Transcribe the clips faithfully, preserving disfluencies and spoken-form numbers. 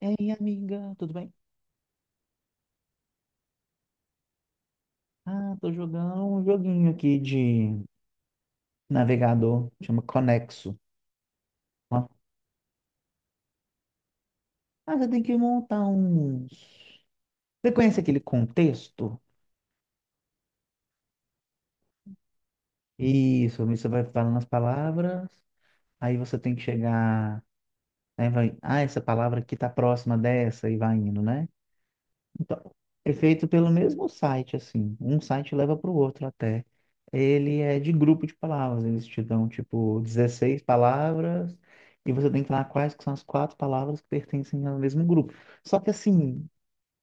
E aí, amiga, tudo bem? Ah, tô jogando um joguinho aqui de navegador, chama Conexo. Ó. Ah, você tem que montar uns. Você conhece aquele contexto? Isso, você vai falando as palavras, aí você tem que chegar. Aí vai, ah, essa palavra aqui tá próxima dessa, e vai indo, né? Então, é feito pelo mesmo site, assim. Um site leva para o outro até. Ele é de grupo de palavras. Eles te dão, tipo, dezesseis palavras e você tem que falar quais que são as quatro palavras que pertencem ao mesmo grupo. Só que, assim,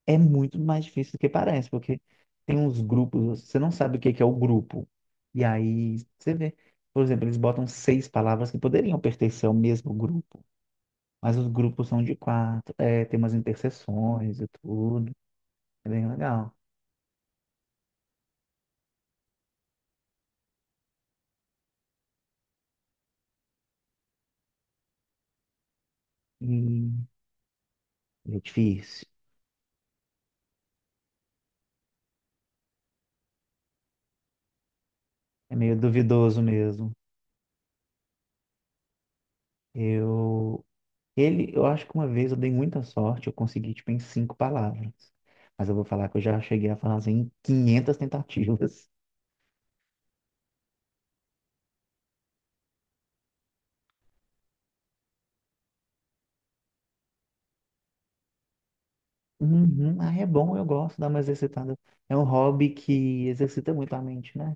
é muito mais difícil do que parece, porque tem uns grupos, você não sabe o que que é o grupo. E aí, você vê. Por exemplo, eles botam seis palavras que poderiam pertencer ao mesmo grupo, mas os grupos são de quatro. É, tem umas interseções e tudo. É bem legal. Hum, é difícil. É meio duvidoso mesmo. Eu, ele, eu acho que uma vez eu dei muita sorte, eu consegui, tipo, em cinco palavras. Mas eu vou falar que eu já cheguei a fazer em quinhentas tentativas. Uhum, ah, é bom, eu gosto de dar uma exercitada. É um hobby que exercita muito a mente, né?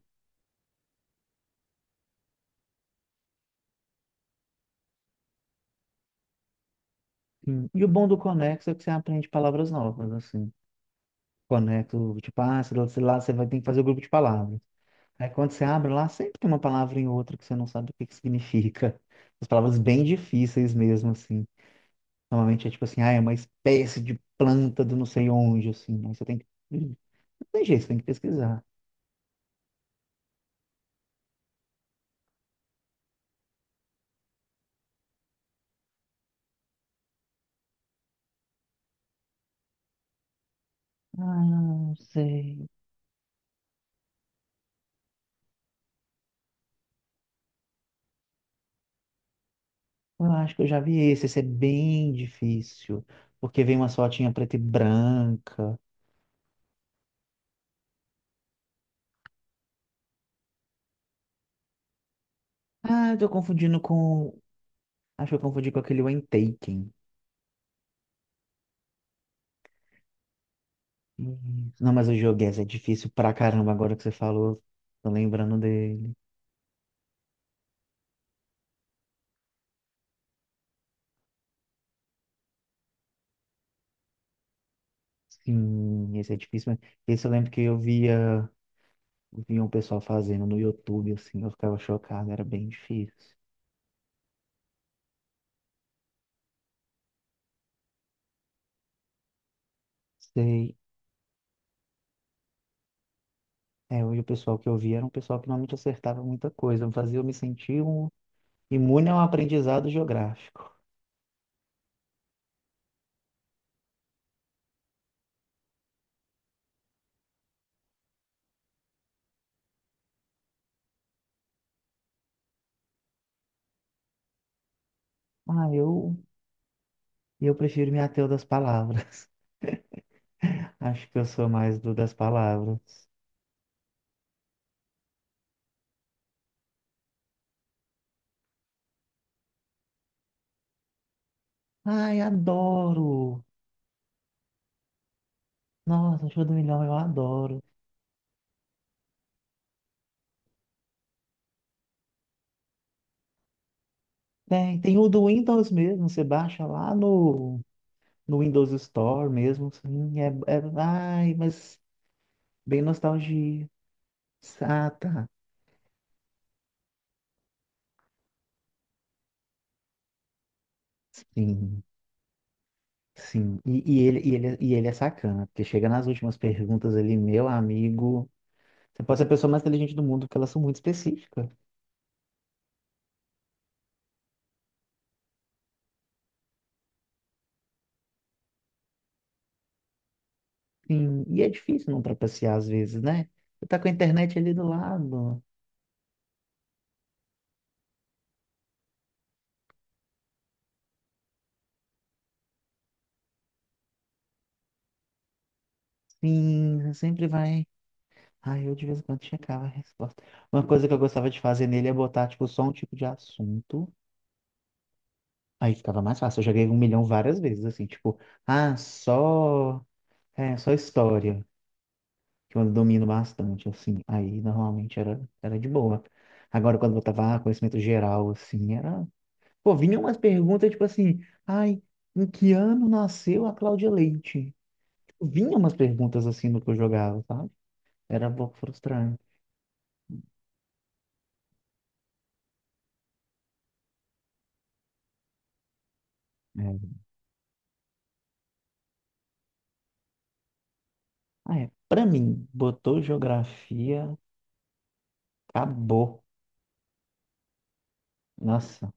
Sim. E o bom do Conexo é que você aprende palavras novas, assim. Conexo, tipo, ah, sei lá, sei lá, você vai ter que fazer o grupo de palavras. Aí quando você abre lá, sempre tem uma palavra em outra que você não sabe o que que significa. As palavras bem difíceis mesmo, assim. Normalmente é tipo assim, ah, é uma espécie de planta do não sei onde, assim. Aí você tem que. Não tem jeito, você tem que pesquisar. Ah, não sei. Eu acho que eu já vi esse. Esse é bem difícil. Porque vem uma fotinha preta e branca. Ah, eu tô confundindo com. Acho que eu confundi com aquele When Taken. Isso. Não, mas o joguei, é é difícil pra caramba agora que você falou. Tô lembrando dele. Sim, esse é difícil, mas esse eu lembro que eu via, via um pessoal fazendo no YouTube, assim, eu ficava chocado, era bem difícil. Sei, é, hoje o pessoal que eu via era um pessoal que normalmente acertava muita coisa, fazia eu me sentir um, imune ao aprendizado geográfico. Ah, eu, eu prefiro me ater ao das palavras. Acho que eu sou mais do das palavras. Ai, adoro! Nossa, Show do Milhão, eu adoro. Tem, tem o do Windows mesmo, você baixa lá no no Windows Store mesmo, sim, é, é, ai, mas bem nostalgia. Ah, tá. Sim, sim. E, e ele, e, ele, e ele é sacana, porque chega nas últimas perguntas ali, meu amigo, você pode ser a pessoa mais inteligente do mundo, porque elas são muito específicas. Sim, e é difícil não trapacear às vezes, né? Você tá com a internet ali do lado. Sim, você sempre vai. Ai, eu de vez em quando checava a resposta. Uma coisa que eu gostava de fazer nele é botar, tipo, só um tipo de assunto. Aí ficava mais fácil. Eu joguei um milhão várias vezes, assim, tipo, ah, só, é, só história, que eu domino bastante, assim. Aí normalmente era, era de boa. Agora, quando eu tava ah, conhecimento geral, assim, era. Pô, vinha umas perguntas, tipo assim, ai, em que ano nasceu a Cláudia Leite? Vinha umas perguntas assim no que eu jogava, sabe? Era um pouco frustrante. É. Ah, é. Pra mim, botou geografia, acabou. Nossa,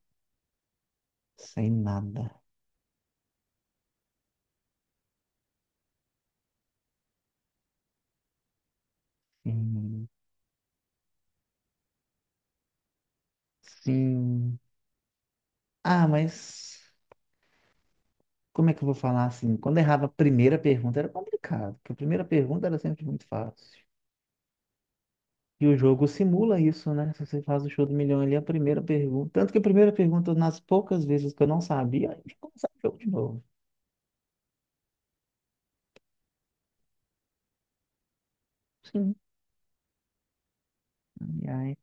sem nada. Sim. Sim. Ah, mas como é que eu vou falar assim? Quando eu errava a primeira pergunta era complicado, porque a primeira pergunta era sempre muito fácil. E o jogo simula isso, né? Se você faz o show do milhão ali, a primeira pergunta. Tanto que a primeira pergunta, nas poucas vezes que eu não sabia, a gente começava o jogo de novo. Sim. E aí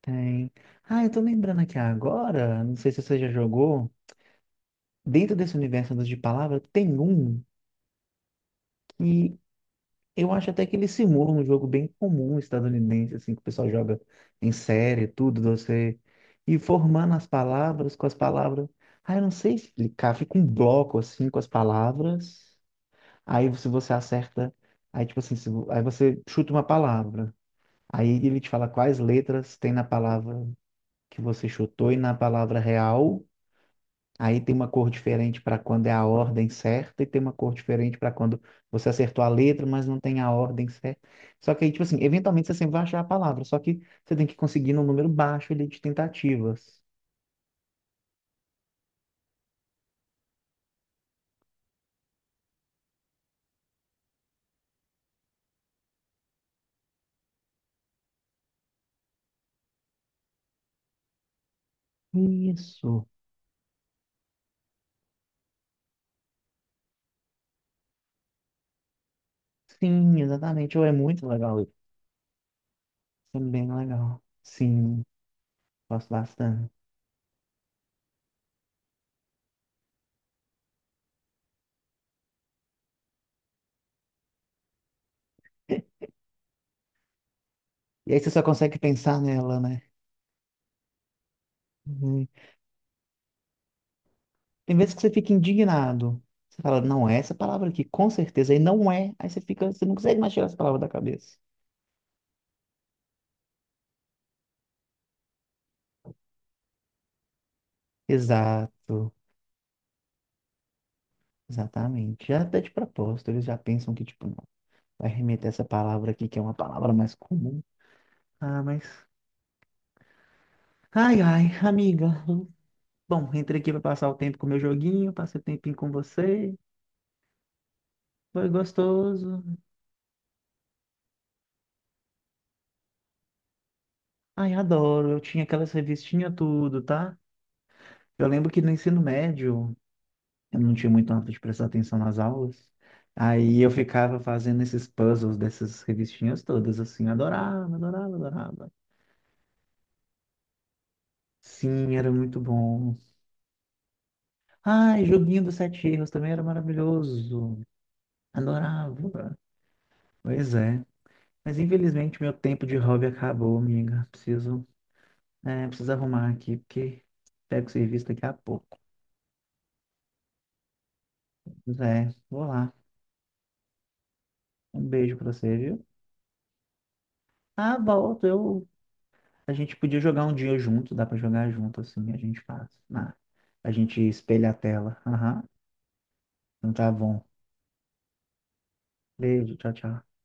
tem. Ah, eu tô lembrando aqui agora, não sei se você já jogou, dentro desse universo dos de palavra, tem um. Que Eu acho até que ele simula um jogo bem comum estadunidense, assim, que o pessoal joga em série, tudo, você ir formando as palavras com as palavras. Ah, eu não sei explicar, fica um bloco, assim, com as palavras. Aí, se você acerta, aí, tipo assim, se vo- aí você chuta uma palavra. Aí ele te fala quais letras tem na palavra que você chutou e na palavra real. Aí tem uma cor diferente para quando é a ordem certa e tem uma cor diferente para quando você acertou a letra, mas não tem a ordem certa. Só que aí, tipo assim, eventualmente você sempre vai achar a palavra, só que você tem que conseguir num número baixo ali de tentativas. Isso. Sim, exatamente. Oh, é muito legal isso. É bem legal. Sim, gosto bastante. E aí você só consegue pensar nela, né? Uhum. Tem vezes que você fica indignado. Você fala, não, é essa palavra aqui, com certeza. E não é. Aí você fica, você não consegue mais tirar essa palavra da cabeça. Exato, exatamente. Já até de propósito, eles já pensam que, tipo, não, vai remeter essa palavra aqui, que é uma palavra mais comum. Ah, mas. Ai, ai, amiga. Bom, entrei aqui pra passar o tempo com o meu joguinho, passei o tempinho com você. Foi gostoso. Ai, adoro. Eu tinha aquelas revistinhas tudo, tá? Eu lembro que no ensino médio, eu não tinha muito hábito de prestar atenção nas aulas. Aí eu ficava fazendo esses puzzles dessas revistinhas todas, assim, adorava, adorava, adorava. Sim, era muito bom. Ai, joguinho dos sete erros também era maravilhoso. Adorava. Pois é. Mas infelizmente meu tempo de hobby acabou, amiga. Preciso, é, preciso arrumar aqui, porque pego o serviço daqui a pouco. Pois é, vou lá. Um beijo pra você, viu? Ah, volto. Eu... A gente podia jogar um dia junto, dá pra jogar junto assim, a gente faz. Ah, a gente espelha a tela. Aham. Então tá bom. Beijo, tchau, tchau.